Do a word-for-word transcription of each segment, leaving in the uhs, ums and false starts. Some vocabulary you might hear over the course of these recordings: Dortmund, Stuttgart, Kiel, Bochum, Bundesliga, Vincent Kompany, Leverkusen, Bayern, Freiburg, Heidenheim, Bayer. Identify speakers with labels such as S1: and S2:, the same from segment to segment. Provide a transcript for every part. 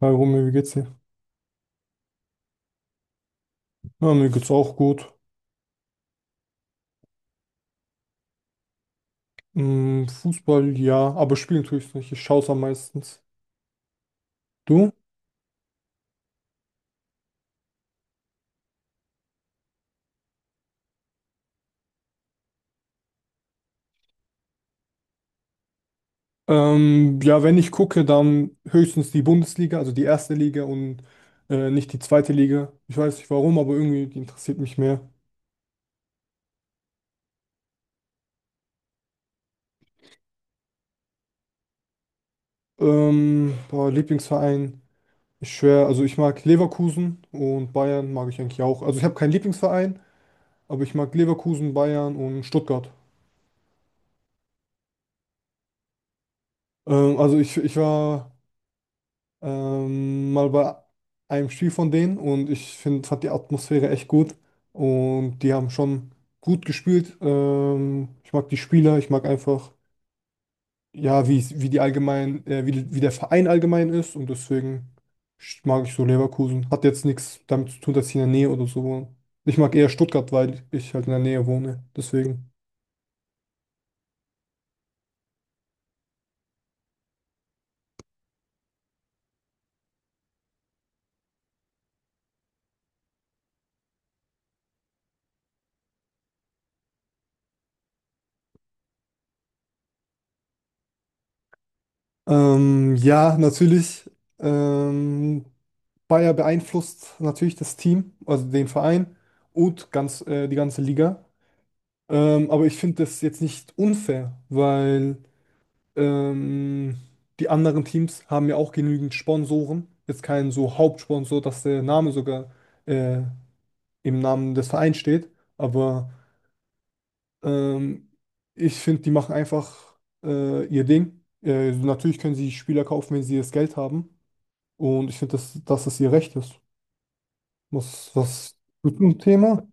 S1: Hi Romeo, wie geht's dir? Ja, mir geht's auch gut. Hm, Fußball, ja, aber spielen tue ich nicht. Ich schaue es am meistens. Du? Ähm, ja, wenn ich gucke, dann höchstens die Bundesliga, also die erste Liga und äh, nicht die zweite Liga. Ich weiß nicht warum, aber irgendwie die interessiert mich mehr. Ähm, boah, Lieblingsverein, ich schwör, also ich mag Leverkusen und Bayern mag ich eigentlich auch. Also ich habe keinen Lieblingsverein, aber ich mag Leverkusen, Bayern und Stuttgart. Ähm, also ich, ich war ähm, mal bei einem Spiel von denen und ich finde, fand die Atmosphäre echt gut und die haben schon gut gespielt. Ähm, ich mag die Spieler, ich mag einfach, ja, wie, es- wie die allgemein, äh, wie, die- wie der Verein allgemein ist und deswegen sch- mag ich so Leverkusen. Hat jetzt nichts damit zu tun, dass ich in der Nähe oder so wohne. Ich mag eher Stuttgart, weil ich halt in der Nähe wohne. Deswegen. Ähm, ja, natürlich. Ähm, Bayer beeinflusst natürlich das Team, also den Verein und ganz, äh, die ganze Liga. Ähm, aber ich finde das jetzt nicht unfair, weil ähm, die anderen Teams haben ja auch genügend Sponsoren. Jetzt keinen so Hauptsponsor, dass der Name sogar äh, im Namen des Vereins steht. Aber ähm, ich finde, die machen einfach äh, ihr Ding. Äh, natürlich können sie Spieler kaufen, wenn sie das Geld haben. Und ich finde, dass, dass es ihr Recht ist. Was, was zu dem Thema?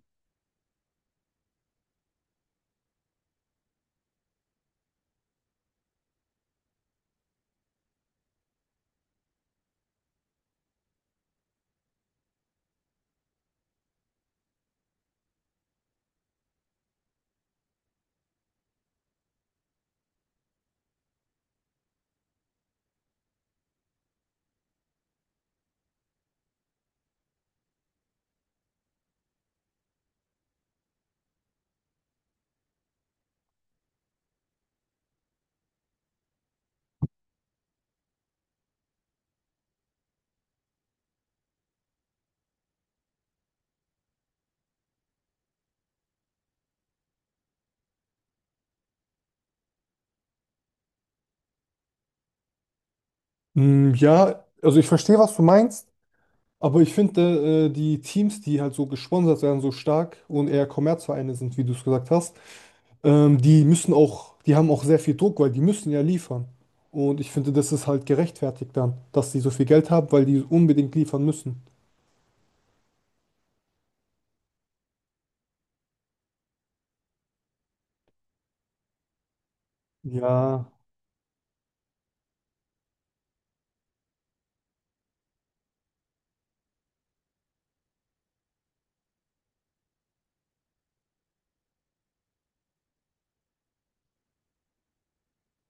S1: Mm, ja, also ich verstehe, was du meinst, aber ich finde, äh, die Teams, die halt so gesponsert werden, so stark und eher Kommerzvereine sind, wie du es gesagt hast, ähm, die müssen auch, die haben auch sehr viel Druck, weil die müssen ja liefern. Und ich finde, das ist halt gerechtfertigt dann, dass die so viel Geld haben, weil die unbedingt liefern müssen. Ja,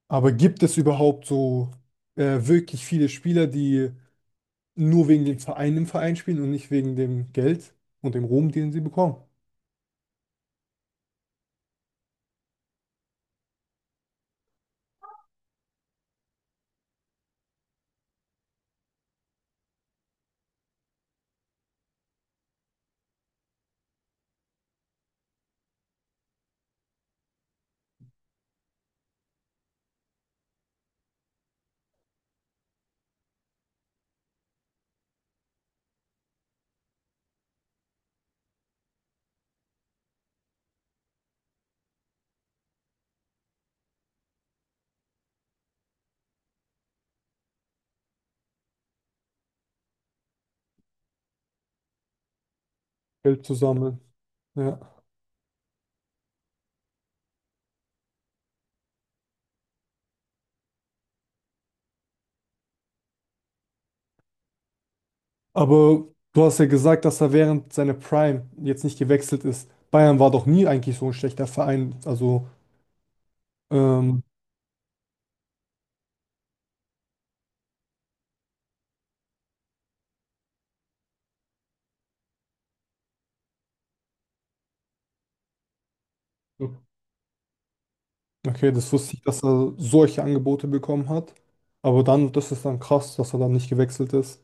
S1: aber gibt es überhaupt so äh, wirklich viele Spieler, die nur wegen dem Verein im Verein spielen und nicht wegen dem Geld und dem Ruhm, den sie bekommen. Geld zu sammeln. Ja. Aber du hast ja gesagt, dass er während seiner Prime jetzt nicht gewechselt ist. Bayern war doch nie eigentlich so ein schlechter Verein. Also, ähm, okay, das wusste ich, dass er solche Angebote bekommen hat. Aber dann, das ist dann krass, dass er dann nicht gewechselt ist.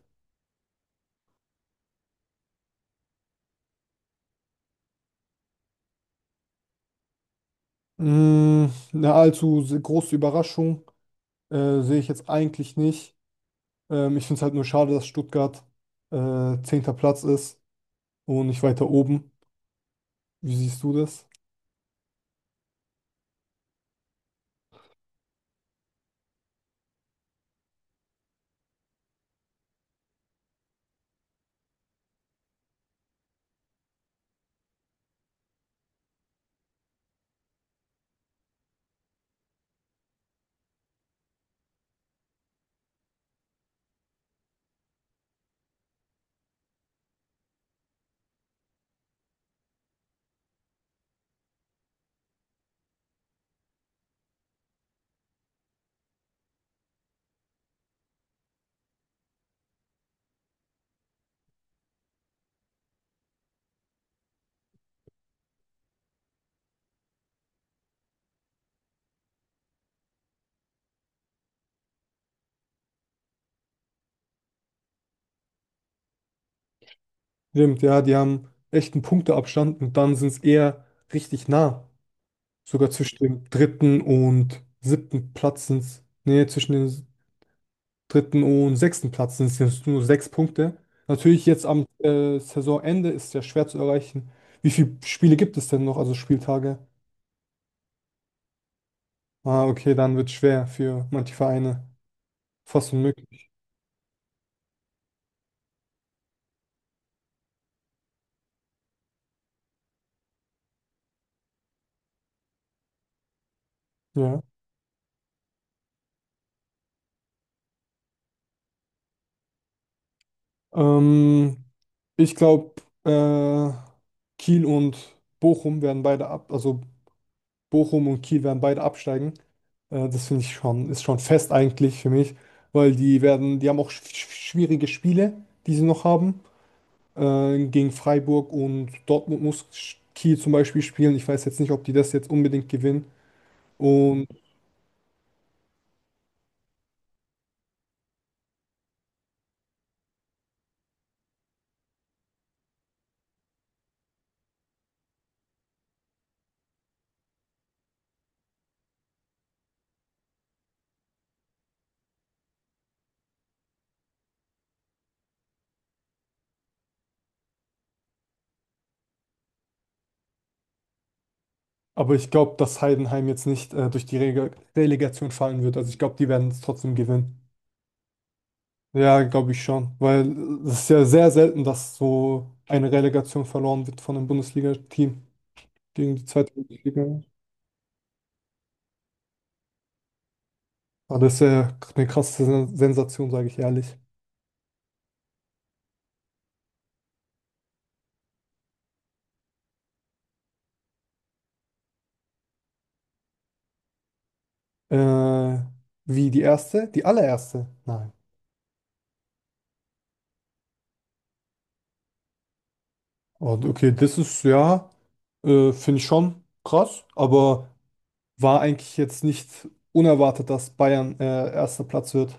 S1: Mm, eine allzu se- große Überraschung äh, sehe ich jetzt eigentlich nicht. Ähm, ich finde es halt nur schade, dass Stuttgart äh, zehnter Platz ist und nicht weiter oben. Wie siehst du das? Stimmt, ja, die haben echt einen Punkteabstand und dann sind es eher richtig nah. Sogar zwischen dem dritten und siebten Platz sind es, nee, zwischen dem dritten und sechsten Platz sind es nur sechs Punkte. Natürlich jetzt am äh, Saisonende ist es ja schwer zu erreichen. Wie viele Spiele gibt es denn noch, also Spieltage? Ah, okay, dann wird es schwer für manche Vereine. Fast unmöglich. Ja. Ähm, Ich glaube, äh, Kiel und Bochum werden beide ab, also Bochum und Kiel werden beide absteigen. Äh, das finde ich schon, ist schon fest eigentlich für mich, weil die werden, die haben auch sch sch- schwierige Spiele, die sie noch haben. Äh, gegen Freiburg und Dortmund muss Sch- Kiel zum Beispiel spielen. Ich weiß jetzt nicht, ob die das jetzt unbedingt gewinnen. Und, aber ich glaube, dass Heidenheim jetzt nicht äh, durch die Rege- Relegation fallen wird. Also ich glaube, die werden es trotzdem gewinnen. Ja, glaube ich schon, weil es ist ja sehr selten, dass so eine Relegation verloren wird von einem Bundesliga-Team gegen die zweite Bundesliga. Aber das ist ja eine krasse Sen- Sensation, sage ich ehrlich. Äh, wie die erste? Die allererste? Nein. Und okay, das ist ja, äh, finde ich schon krass, aber war eigentlich jetzt nicht unerwartet, dass Bayern äh, erster Platz wird.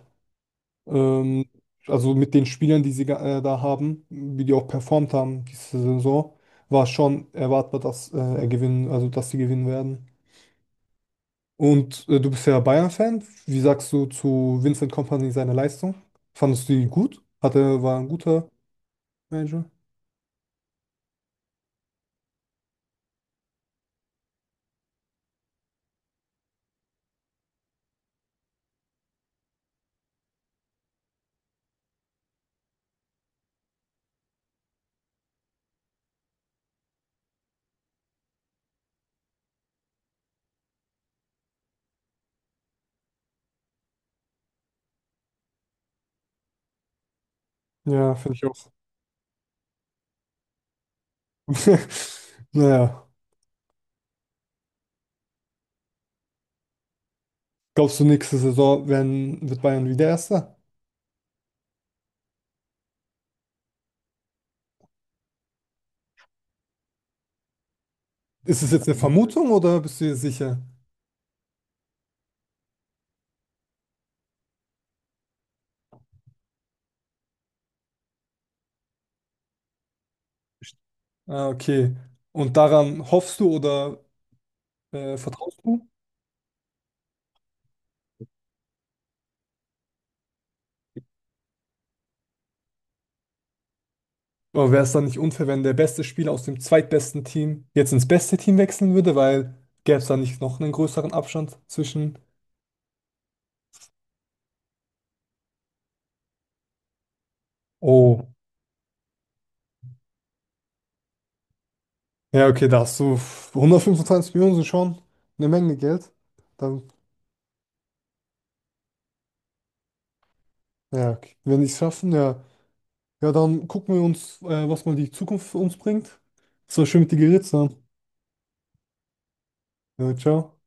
S1: Ähm, also mit den Spielern, die sie ge- äh, da haben, wie die auch performt haben diese Saison, war schon erwartbar, dass äh, er gewinnen, also dass sie gewinnen werden. Und äh, du bist ja Bayern-Fan. Wie sagst du zu Vincent Kompany seine Leistung? Fandest du die gut? Hat er, war ein guter Manager? Ja, finde ich auch. Naja, glaubst du, nächste Saison werden, wird Bayern wieder Erster? Ist es jetzt eine Vermutung oder bist du dir sicher? Ah, okay. Und daran hoffst du oder äh, vertraust du? Aber wäre es dann nicht unfair, wenn der beste Spieler aus dem zweitbesten Team jetzt ins beste Team wechseln würde, weil gäbe es da nicht noch einen größeren Abstand zwischen. Oh, ja, okay, da hast du f- hundertfünfundzwanzig Millionen sind schon eine Menge Geld. Dann, ja, okay. Wenn die es schaffen, ja. Ja, dann gucken wir uns, äh, was mal die Zukunft für uns bringt. Es war schön mit dir geredet, zu haben. Ja, ciao.